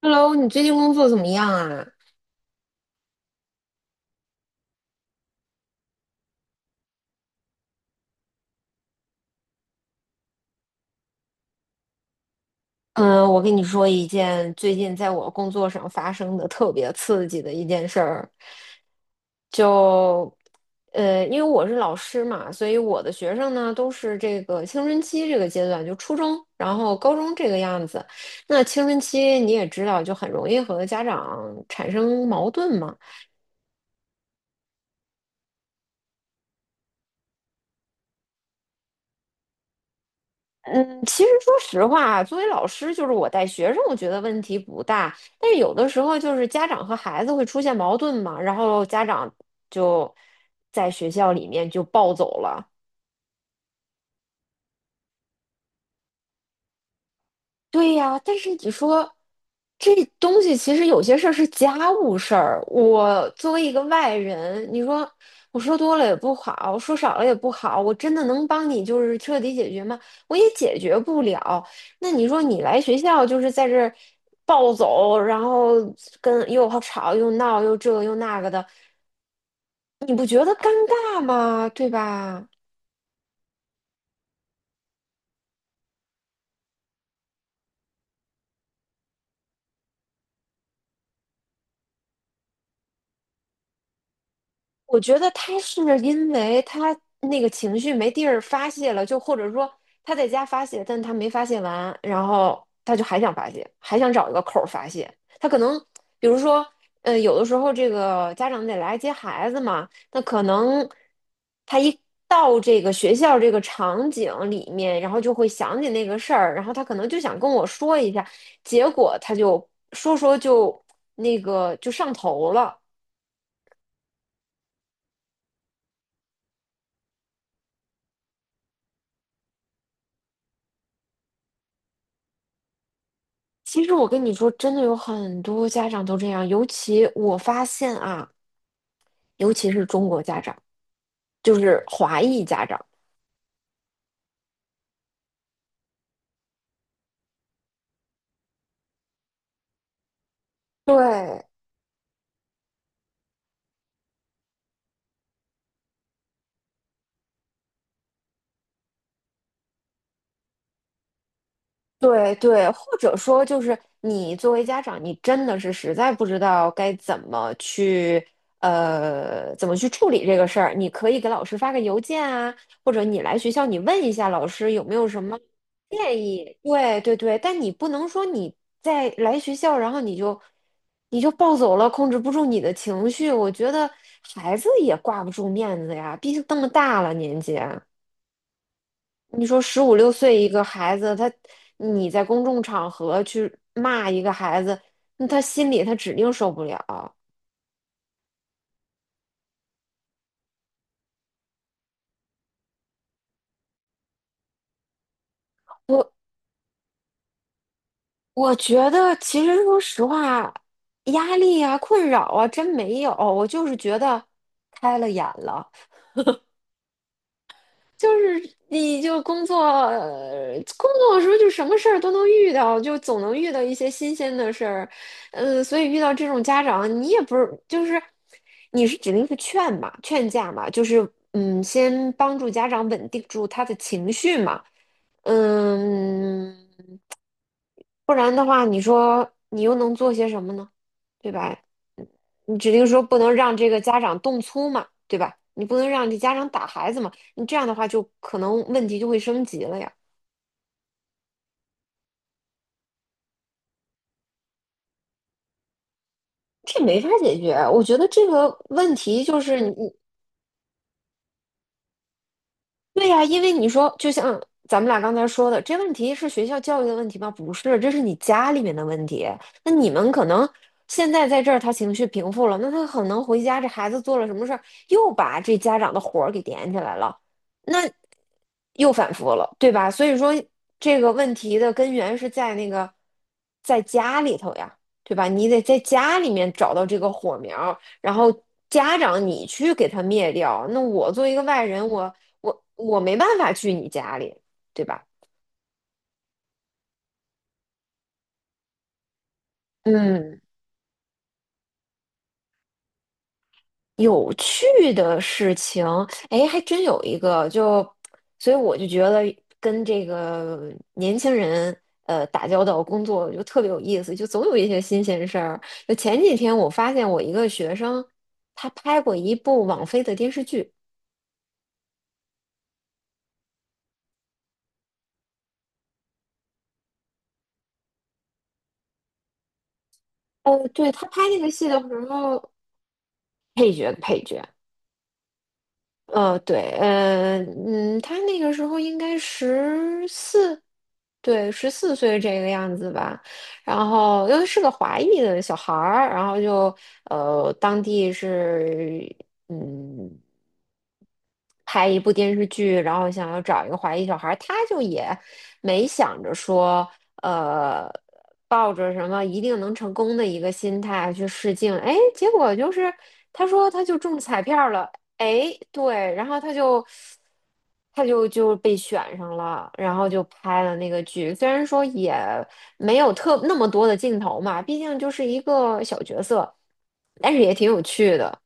Hello，你最近工作怎么样啊？嗯，我跟你说一件最近在我工作上发生的特别刺激的一件事儿，就因为我是老师嘛，所以我的学生呢都是这个青春期这个阶段，就初中，然后高中这个样子。那青春期你也知道，就很容易和家长产生矛盾嘛。嗯，其实说实话，作为老师，就是我带学生，我觉得问题不大。但是有的时候，就是家长和孩子会出现矛盾嘛，然后家长就在学校里面就暴走了，对呀，但是你说这东西其实有些事儿是家务事儿，我作为一个外人，你说我说多了也不好，说少了也不好，我真的能帮你就是彻底解决吗？我也解决不了。那你说你来学校就是在这儿暴走，然后跟又吵又闹又这又那个的，你不觉得尴尬吗？对吧？我觉得他是因为他那个情绪没地儿发泄了，就或者说他在家发泄，但他没发泄完，然后他就还想发泄，还想找一个口儿发泄。他可能，比如说，有的时候这个家长得来接孩子嘛，那可能他一到这个学校这个场景里面，然后就会想起那个事儿，然后他可能就想跟我说一下，结果他就说说就那个就上头了。其实我跟你说，真的有很多家长都这样，尤其我发现啊，尤其是中国家长，就是华裔家长，对，对对，或者说就是你作为家长，你真的是实在不知道该怎么去怎么去处理这个事儿，你可以给老师发个邮件啊，或者你来学校你问一下老师有没有什么建议。对对对，但你不能说你在来学校，然后你就暴走了，控制不住你的情绪。我觉得孩子也挂不住面子呀，毕竟这么大了年纪啊。你说十五六岁一个孩子，他你在公众场合去骂一个孩子，那他心里他指定受不了。我我觉得其实说实话，压力啊、困扰啊，真没有。我就是觉得开了眼了。就是你就工作，工作的时候就什么事儿都能遇到，就总能遇到一些新鲜的事儿，嗯，所以遇到这种家长，你也不是就是你是指定是劝嘛，劝架嘛，就是嗯，先帮助家长稳定住他的情绪嘛，嗯，不然的话，你说你又能做些什么呢？对吧？你指定说不能让这个家长动粗嘛，对吧？你不能让这家长打孩子嘛，你这样的话就可能问题就会升级了呀。这没法解决。我觉得这个问题就是你对呀，因为你说，就像咱们俩刚才说的，这问题是学校教育的问题吗？不是，这是你家里面的问题。那你们可能现在在这儿，他情绪平复了，那他可能回家，这孩子做了什么事儿，又把这家长的火儿给点起来了，那又反复了，对吧？所以说，这个问题的根源是在那个在家里头呀，对吧？你得在家里面找到这个火苗儿然后家长你去给他灭掉。那我作为一个外人，我没办法去你家里，对吧？嗯，有趣的事情，哎，还真有一个，就，所以我就觉得跟这个年轻人，打交道工作就特别有意思，就总有一些新鲜事儿。就前几天我发现我一个学生，他拍过一部网飞的电视剧，哦，对，他拍那个戏的时候，配角。呃，对，嗯他那个时候应该十四，对，14岁这个样子吧。然后因为是个华裔的小孩儿，然后当地是，嗯。拍一部电视剧，然后想要找一个华裔小孩儿，他就也没想着说，呃，抱着什么一定能成功的一个心态去试镜，哎，结果就是他说他就中彩票了，哎，对，然后他就被选上了，然后就拍了那个剧，虽然说也没有特那么多的镜头嘛，毕竟就是一个小角色，但是也挺有趣的。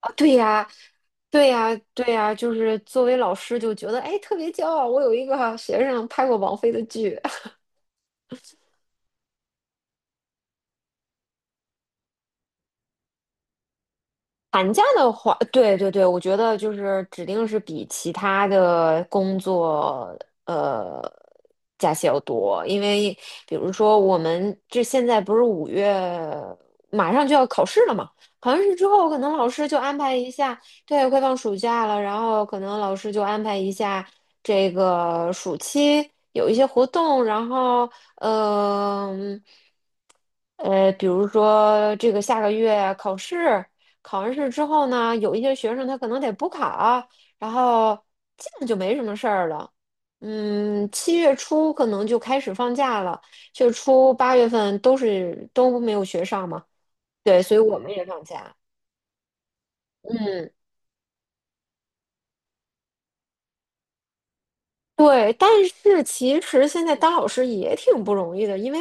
啊，对呀，对呀，就是作为老师就觉得，哎，特别骄傲，我有一个学生拍过王菲的剧。寒假的话，对对对，我觉得就是指定是比其他的工作呃假期要多，因为比如说我们这现在不是5月马上就要考试了嘛，考完试之后可能老师就安排一下，对，快放暑假了，然后可能老师就安排一下这个暑期有一些活动，然后呃嗯。比如说这个下个月考试，考完试之后呢，有一些学生他可能得补考啊，然后基本就没什么事儿了。嗯，七月初可能就开始放假了，七月初8月份都没有学上嘛，对，所以我们也放假。嗯。对，但是其实现在当老师也挺不容易的，因为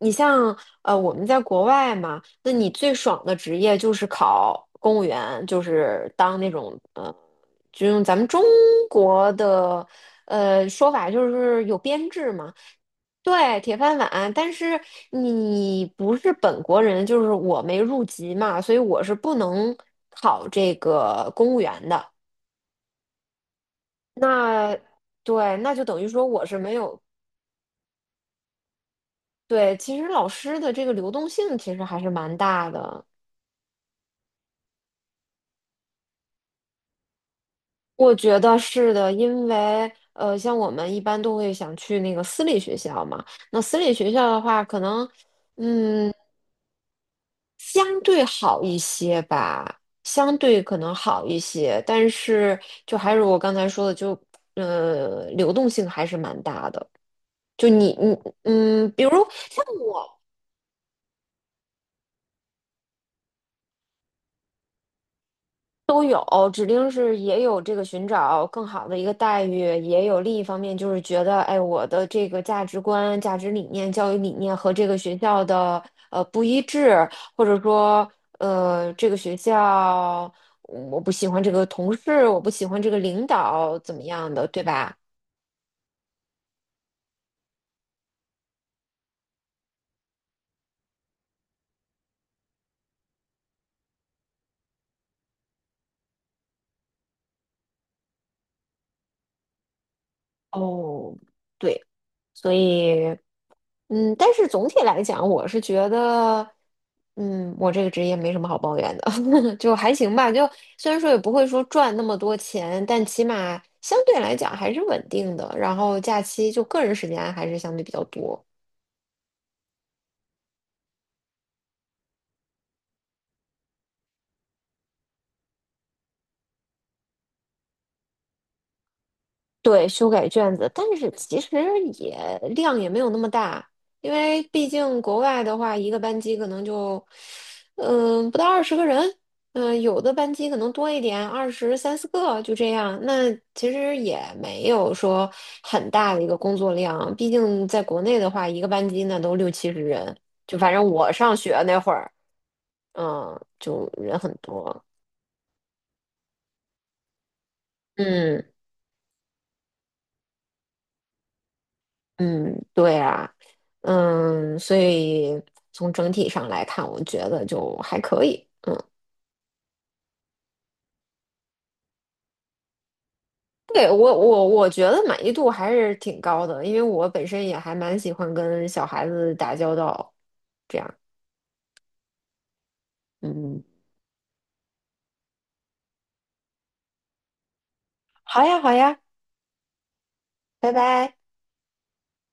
你像我们在国外嘛，那你最爽的职业就是考公务员，就是当那种就用咱们中国的说法就是有编制嘛，对，铁饭碗。但是你不是本国人，就是我没入籍嘛，所以我是不能考这个公务员的。那对，那就等于说我是没有对，其实老师的这个流动性其实还是蛮大的，我觉得是的，因为像我们一般都会想去那个私立学校嘛，那私立学校的话，可能嗯相对好一些吧，相对可能好一些，但是就还是我刚才说的，就流动性还是蛮大的。就你嗯，比如都有，指定是也有这个寻找更好的一个待遇，也有另一方面就是觉得，哎，我的这个价值观、价值理念、教育理念和这个学校的不一致，或者说这个学校我不喜欢这个同事，我不喜欢这个领导怎么样的，对吧？哦，对，所以。嗯，但是总体来讲，我是觉得，嗯，我这个职业没什么好抱怨的，就还行吧。就虽然说也不会说赚那么多钱，但起码相对来讲还是稳定的。然后假期就个人时间还是相对比较多。对，修改卷子，但是其实也量也没有那么大，因为毕竟国外的话，一个班级可能就，嗯、不到20个人，嗯、有的班级可能多一点，二十三四个就这样。那其实也没有说很大的一个工作量，毕竟在国内的话，一个班级那都六七十人，就反正我上学那会儿，嗯，就人很多，嗯。嗯，对啊，嗯，所以从整体上来看，我觉得就还可以。嗯，对，我觉得满意度还是挺高的，因为我本身也还蛮喜欢跟小孩子打交道，这样。嗯，好呀，好呀，拜拜。